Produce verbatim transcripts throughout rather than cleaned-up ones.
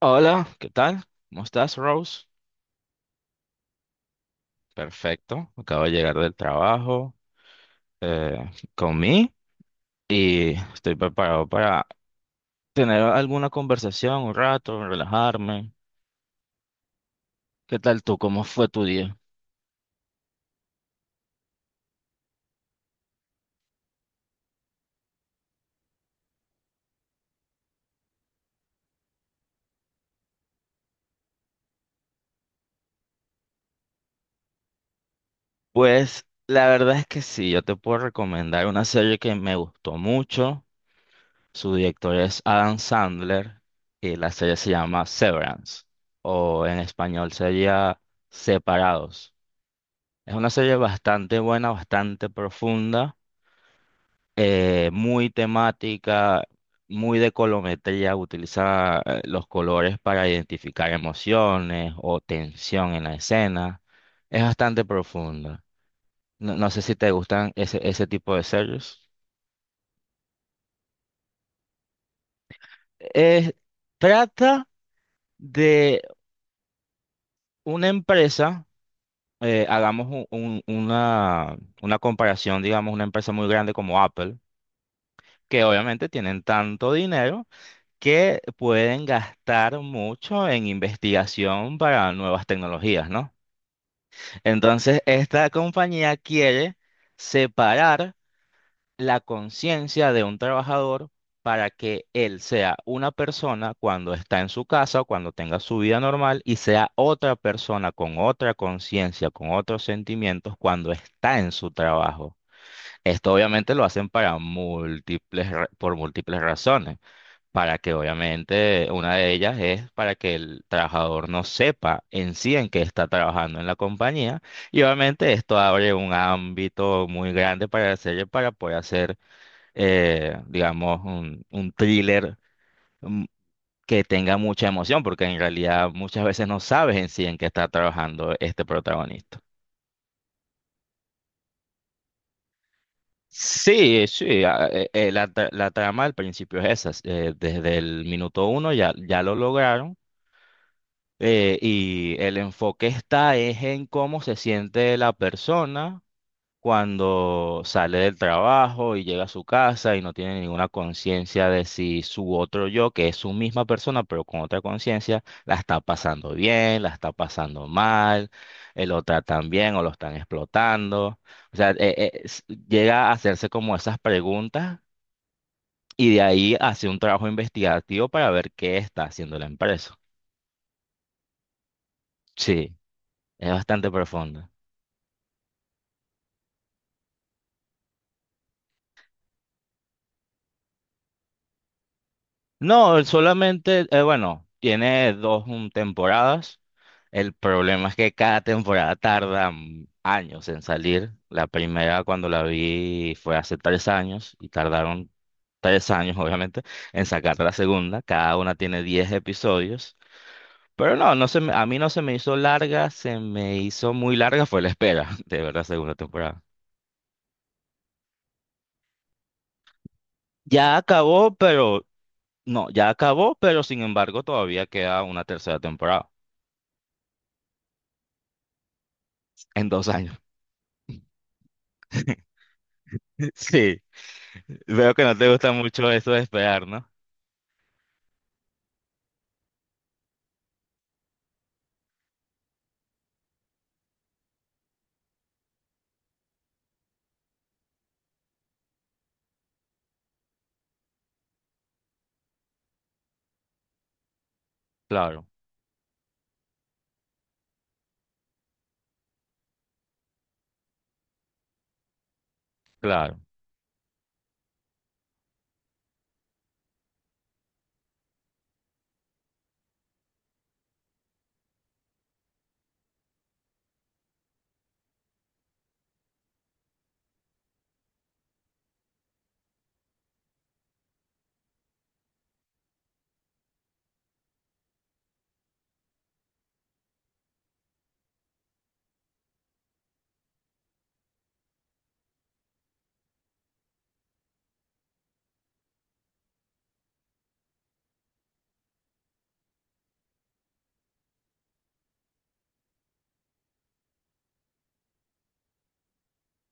Hola, ¿qué tal? ¿Cómo estás, Rose? Perfecto, acabo de llegar del trabajo, eh, comí y estoy preparado para tener alguna conversación, un rato, relajarme. ¿Qué tal tú? ¿Cómo fue tu día? Pues la verdad es que sí, yo te puedo recomendar una serie que me gustó mucho. Su director es Adam Sandler y la serie se llama Severance o en español sería Separados. Es una serie bastante buena, bastante profunda, eh, muy temática, muy de colometría, utiliza eh, los colores para identificar emociones o tensión en la escena. Es bastante profunda. No, no sé si te gustan ese, ese tipo de series. Es Trata de una empresa, eh, hagamos un- un- una, una comparación, digamos, una empresa muy grande como Apple, que obviamente tienen tanto dinero que pueden gastar mucho en investigación para nuevas tecnologías, ¿no? Entonces, esta compañía quiere separar la conciencia de un trabajador para que él sea una persona cuando está en su casa o cuando tenga su vida normal y sea otra persona con otra conciencia, con otros sentimientos cuando está en su trabajo. Esto obviamente lo hacen para múltiples, ra- por múltiples razones para que obviamente una de ellas es para que el trabajador no sepa en sí en qué está trabajando en la compañía y obviamente esto abre un ámbito muy grande para la serie para poder hacer, eh, digamos, un, un thriller mm, que tenga mucha emoción porque en realidad muchas veces no sabes en sí en qué está trabajando este protagonista. Sí, sí, a- eh, eh, la, tra- la trama al principio es esa. Eh, desde el minuto uno ya, ya lo lograron. Eh, y el enfoque está es en cómo se siente la persona cuando sale del trabajo y llega a su casa y no tiene ninguna conciencia de si su otro yo, que es su misma persona, pero con otra conciencia, la está pasando bien, la está pasando mal, eh, lo tratan bien o lo están explotando. O sea, eh, eh, s- llega a hacerse como esas preguntas y de ahí hace un trabajo investigativo para ver qué está haciendo la empresa. Sí, es bastante profundo. No, él solamente, eh, bueno, tiene dos mm, temporadas. El problema es que cada temporada tarda mm, años en salir. La primera cuando la vi fue hace tres años y tardaron tres años, obviamente, en sacar la segunda. Cada una tiene diez episodios. Pero no, no se me- a mí no se me hizo larga, se me hizo muy larga, fue la espera de ver la segunda temporada. Ya acabó, pero no, ya acabó, pero sin embargo todavía queda una tercera temporada en dos años. Sí, veo que no te gusta mucho eso de esperar, ¿no? Claro, claro.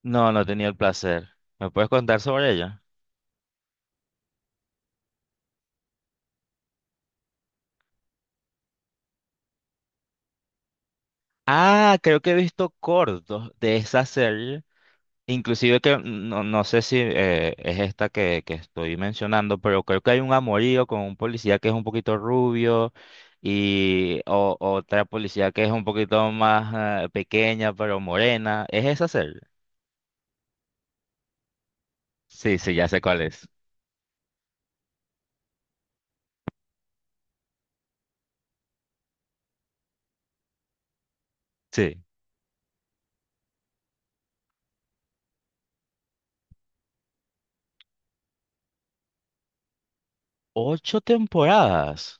No, no he tenido el placer. ¿Me puedes contar sobre ella? Ah, creo que he visto cortos de esa serie. Inclusive que no, no sé si eh, es esta que, que estoy mencionando, pero creo que hay un amorío con un policía que es un poquito rubio y o- otra policía que es un poquito más eh, pequeña, pero morena. ¿Es esa serie? Sí, sí, ya sé cuál es. Sí. Ocho temporadas.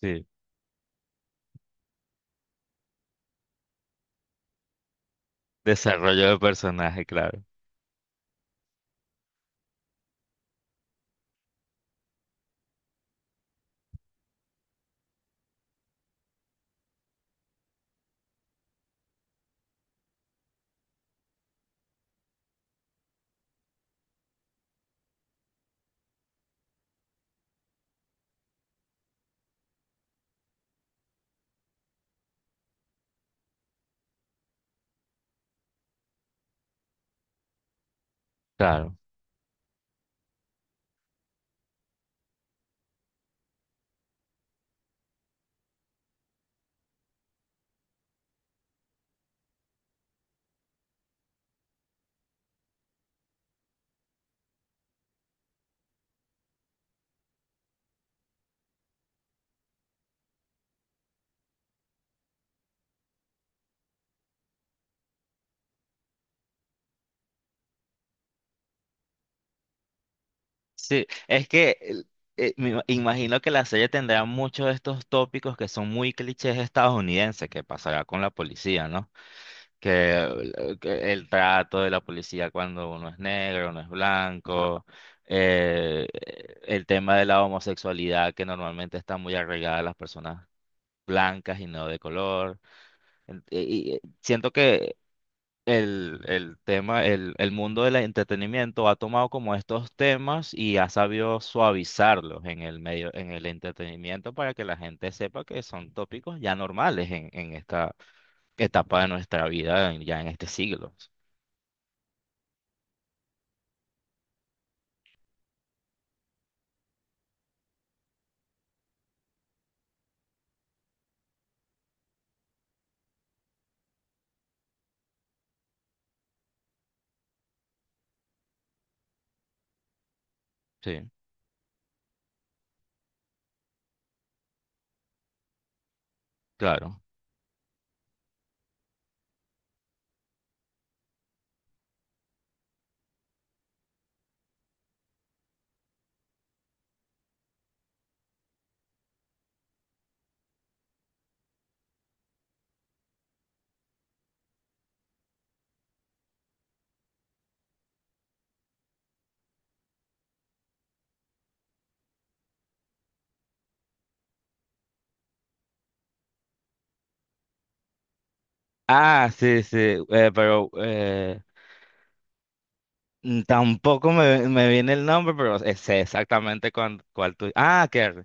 Sí. Desarrollo de personaje, claro. Claro. Sí, es que el- eh, me ima- imagino que la serie tendrá muchos de estos tópicos que son muy clichés estadounidenses, que pasará con la policía, ¿no? Que, eh, que el trato de la policía cuando uno es negro, uno es blanco, eh, el tema de la homosexualidad que normalmente está muy arraigada a las personas blancas y no de color. En- y- y- siento que el, el tema, el, el mundo del entretenimiento ha tomado como estos temas y ha sabido suavizarlos en el medio, en el entretenimiento para que la gente sepa que son tópicos ya normales en, en, esta etapa de nuestra vida, en- ya en este siglo. Sí, claro. Ah, sí, sí, eh, pero eh, mm, tampoco me, me viene el nombre, pero sé exactamente cuán- cuál, tú. Ah, que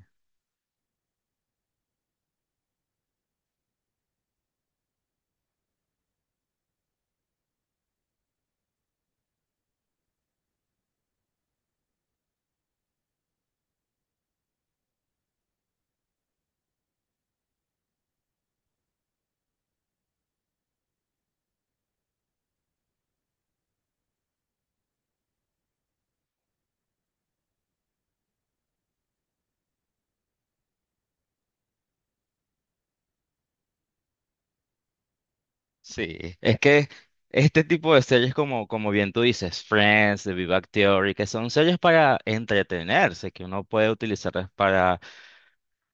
Sí, es que este tipo de series como, como bien tú dices, Friends, The Big Bang Theory, que son series para entretenerse, que uno puede utilizarlas para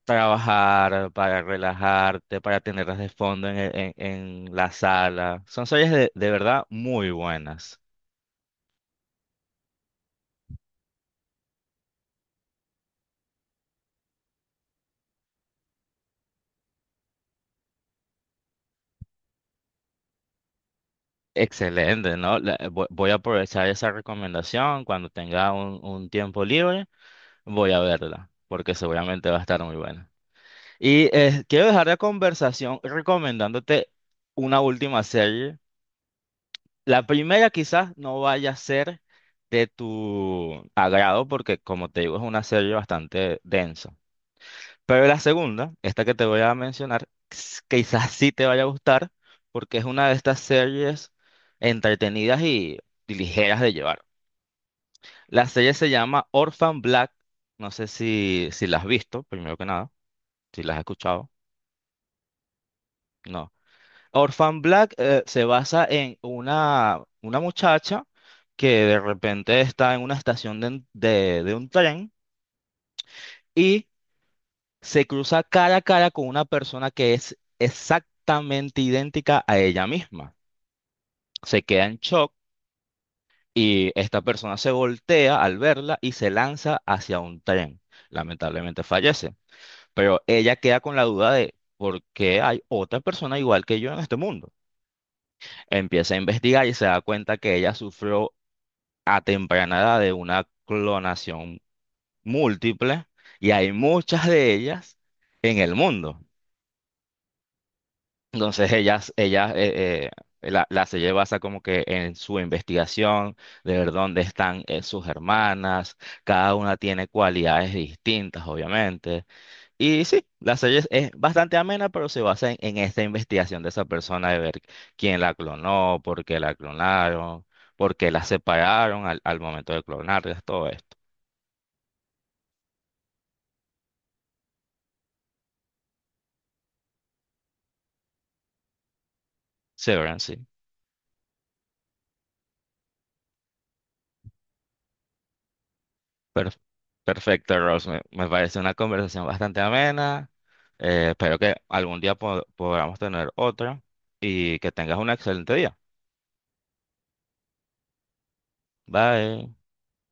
trabajar, para relajarte, para tenerlas de fondo en, el- en- en la sala. Son series de, de verdad muy buenas. Excelente, ¿no? La- vo- voy a aprovechar esa recomendación cuando tenga un, un tiempo libre, voy a verla, porque seguramente va a estar muy buena. Y eh, quiero dejar la conversación recomendándote una última serie. La primera quizás no vaya a ser de tu agrado porque, como te digo, es una serie bastante densa. Pero la segunda, esta que te voy a mencionar, s- quizás sí te vaya a gustar porque es una de estas series entretenidas y, y ligeras de llevar. La serie se llama Orphan Black. No sé si, si la has visto, primero que nada, si la has escuchado. No. Orphan Black eh, se basa en una, una muchacha que de repente está en una estación de, de- de un tren y se cruza cara a cara con una persona que es exactamente idéntica a ella misma. Se queda en shock y esta persona se voltea al verla y se lanza hacia un tren. Lamentablemente fallece, pero ella queda con la duda de por qué hay otra persona igual que yo en este mundo. Empieza a investigar y se da cuenta que ella sufrió a temprana edad de una clonación múltiple y hay muchas de ellas en el mundo. Entonces ellas, ellas eh, eh, la, la se lleva hasta como que en su investigación de ver dónde están eh, sus hermanas, cada una tiene cualidades distintas, obviamente. Y sí, la serie es, es bastante amena, pero se basa en, en esta investigación de esa persona de ver quién la clonó, por qué la clonaron, por qué la separaron al, al momento de clonarlas, todo esto. Severance, sí. Per- Perfecto, Rose. Me, me parece una conversación bastante amena. Eh, espero que algún día po- podamos tener otra y que tengas un excelente día. Bye.